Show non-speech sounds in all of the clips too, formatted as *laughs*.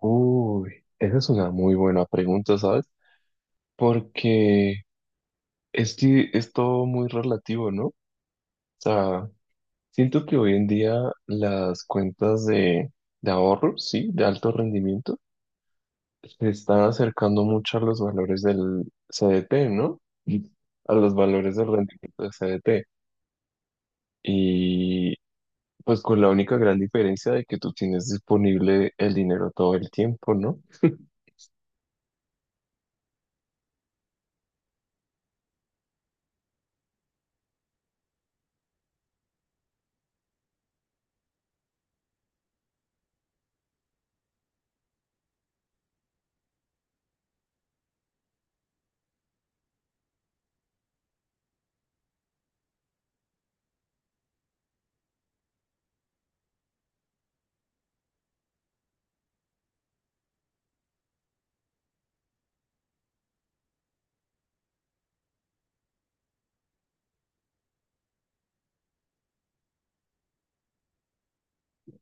Uy, esa es una muy buena pregunta, ¿sabes? Porque es todo muy relativo, ¿no? O sea, siento que hoy en día las cuentas de ahorro, sí, de alto rendimiento, se están acercando mucho a los valores del CDT, ¿no? Sí. A los valores del rendimiento del CDT. Y pues con la única gran diferencia de que tú tienes disponible el dinero todo el tiempo, ¿no?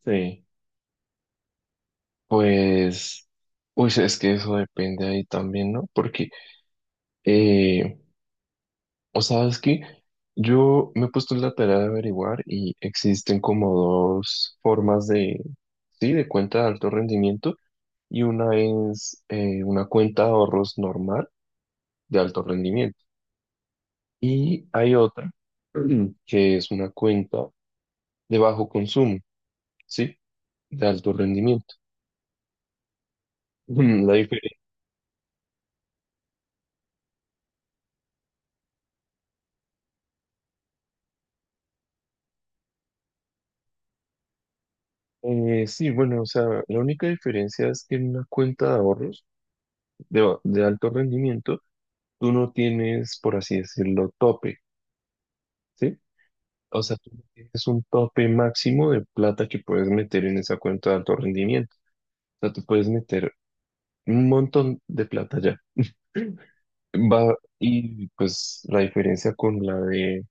Sí. Pues, pues es que eso depende ahí también, ¿no? Porque, eh, o sabes que yo me he puesto en la tarea de averiguar y existen como dos formas sí, de cuenta de alto rendimiento, y una es una cuenta de ahorros normal de alto rendimiento, y hay otra que es una cuenta de bajo consumo, ¿sí? De alto rendimiento. *laughs* La diferencia, sí, bueno, o sea, la única diferencia es que en una cuenta de ahorros de alto rendimiento, tú no tienes, por así decirlo, tope, ¿sí? O sea, tú no tienes un tope máximo de plata que puedes meter en esa cuenta de alto rendimiento. O sea, tú puedes meter un montón de plata ya. Va, y pues la diferencia con la de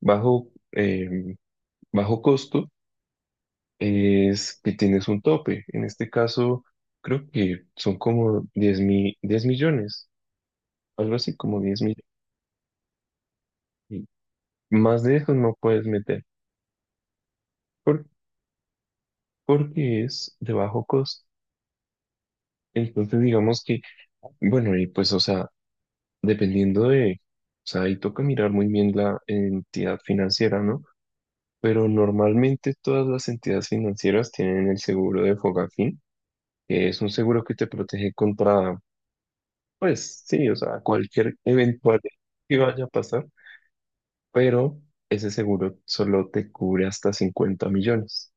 bajo, eh, bajo costo es que tienes un tope. En este caso, creo que son como 10 millones, algo así como 10 millones. Más de eso no puedes meter. Por- porque es de bajo costo. Entonces, digamos que, bueno, y pues, o sea, dependiendo de, o sea, ahí toca mirar muy bien la entidad financiera, ¿no? Pero normalmente todas las entidades financieras tienen el seguro de Fogafín, que es un seguro que te protege contra, pues, sí, o sea, cualquier eventualidad que vaya a pasar, pero ese seguro solo te cubre hasta 50 millones.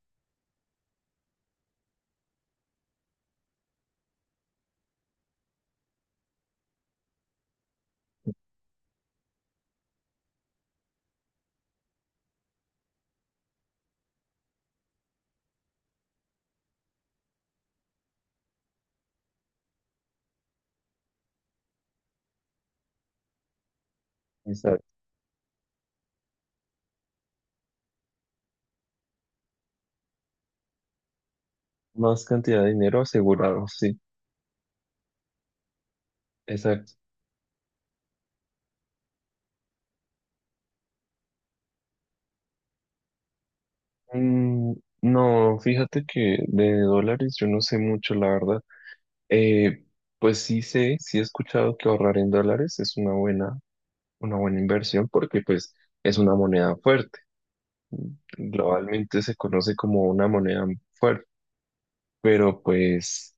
Exacto. Más cantidad de dinero asegurado, sí. Exacto. Mm, No, fíjate que de dólares yo no sé mucho, la verdad. Eh, pues sí sé, sí he escuchado que ahorrar en dólares es una buena inversión porque pues es una moneda fuerte. Globalmente se conoce como una moneda fuerte, pero pues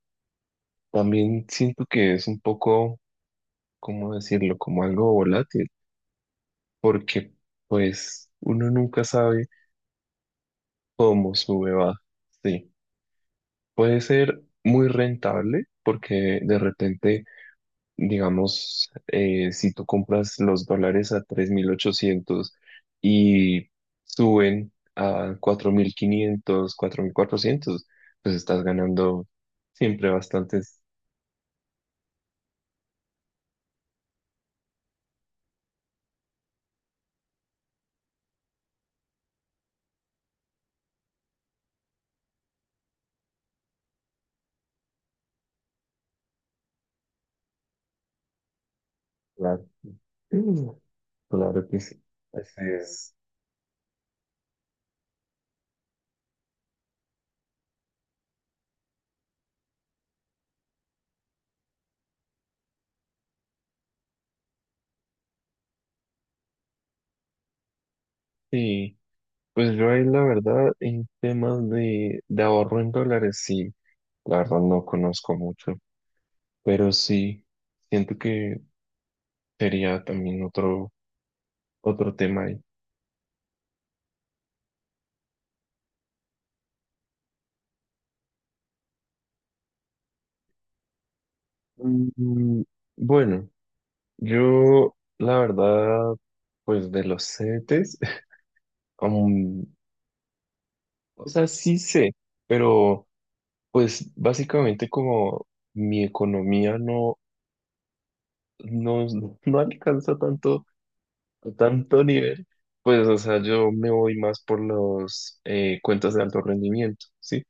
también siento que es un poco, ¿cómo decirlo? Como algo volátil, porque pues uno nunca sabe cómo sube, baja. Sí, puede ser muy rentable porque de repente digamos, si tú compras los dólares a 3.800 y suben a 4.500 4.400, pues estás ganando siempre bastantes. Dólares Mm, claro que sí. Así es. Sí, pues yo ahí la verdad en temas de ahorro en dólares, sí, la verdad no conozco mucho, pero sí, siento que sería también otro, otro tema. Mm, Bueno, yo la verdad, pues de los Cetes, *laughs* aún, o sea, sí sé, pero pues básicamente como mi economía no, *laughs* no alcanza tanto, a tanto nivel, pues o sea, yo me voy más por los cuentas de alto rendimiento, ¿sí?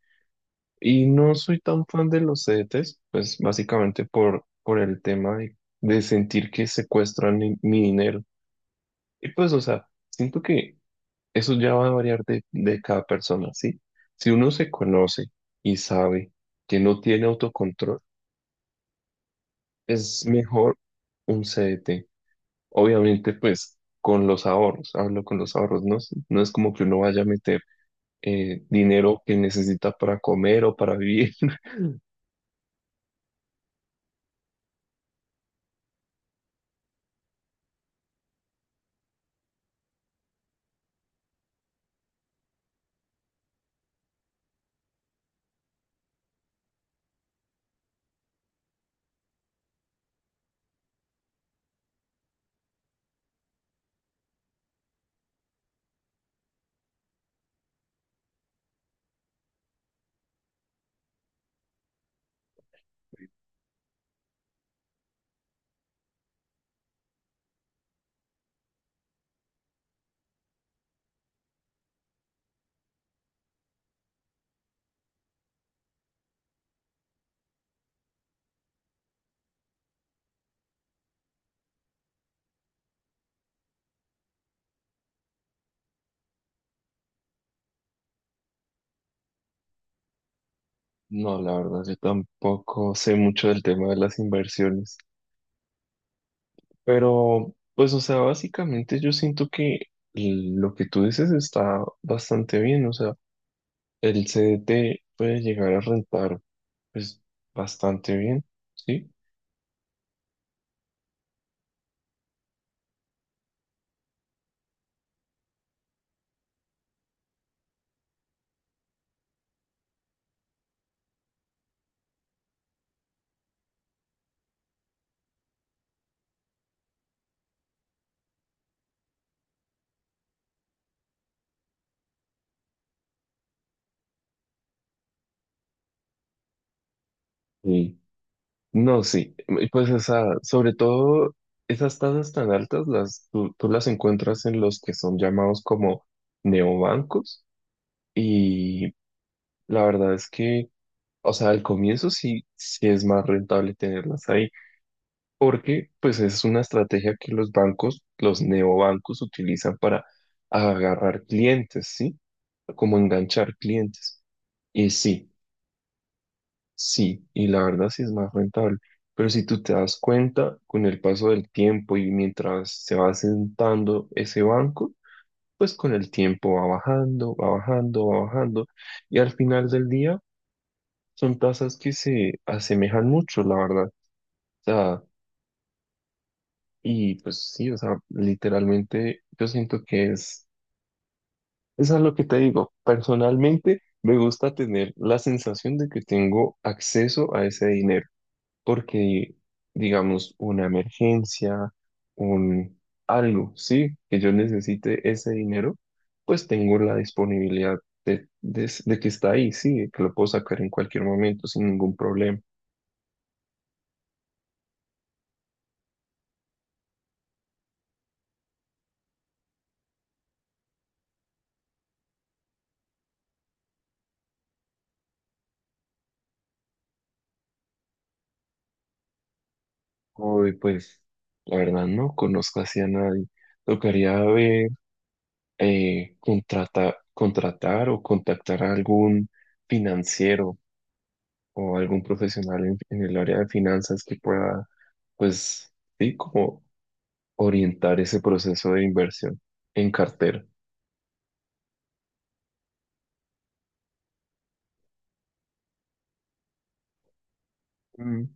Y no soy tan fan de los Cetes, pues básicamente por el tema de sentir que secuestran mi dinero. Y pues, o sea, siento que eso ya va a variar de cada persona, ¿sí? Si uno se conoce y sabe que no tiene autocontrol, es mejor un CDT. Obviamente, pues, con los ahorros, hablo con los ahorros, ¿no? No es como que uno vaya a meter dinero que necesita para comer o para vivir. *laughs* No, la verdad, yo tampoco sé mucho del tema de las inversiones. Pero, pues, o sea, básicamente yo siento que lo que tú dices está bastante bien, o sea, el CDT puede llegar a rentar, pues, bastante bien, ¿sí? Sí. No, sí, y pues, o sea, sobre todo esas tasas tan altas, las, tú las encuentras en los que son llamados como neobancos, y la verdad es que, o sea, al comienzo sí, sí es más rentable tenerlas ahí, porque pues es una estrategia que los bancos, los neobancos utilizan para agarrar clientes, ¿sí? Como enganchar clientes. Y sí, sí, y la verdad sí es más rentable. Pero si tú te das cuenta con el paso del tiempo y mientras se va sentando ese banco, pues con el tiempo va bajando, va bajando, va bajando. Y al final del día son tasas que se asemejan mucho, la verdad. Y pues sí, o sea, literalmente yo siento que es, eso es lo que te digo. Personalmente me gusta tener la sensación de que tengo acceso a ese dinero, porque digamos una emergencia, un algo, sí, que yo necesite ese dinero, pues tengo la disponibilidad de que está ahí, sí, de que lo puedo sacar en cualquier momento sin ningún problema. Hoy pues la verdad no conozco así a nadie. Tocaría ver. Contratar o contactar a algún financiero o algún profesional en el área de finanzas que pueda, pues, sí, como orientar ese proceso de inversión en cartera. Mm,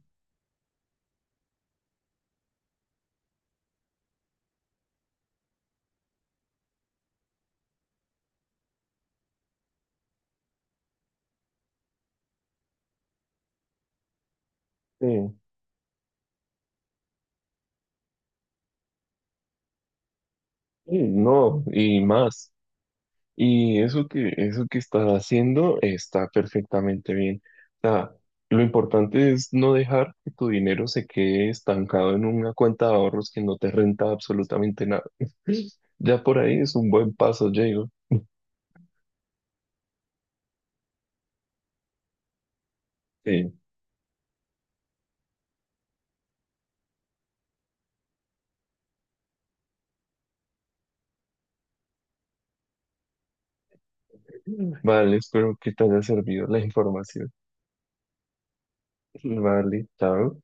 sí, sí, no, y más. Y eso que estás haciendo está perfectamente bien. O sea, lo importante es no dejar que tu dinero se quede estancado en una cuenta de ahorros que no te renta absolutamente nada. *laughs* Ya por ahí es un buen paso, Diego. Sí. Vale, espero que te haya servido la información. Vale, chao.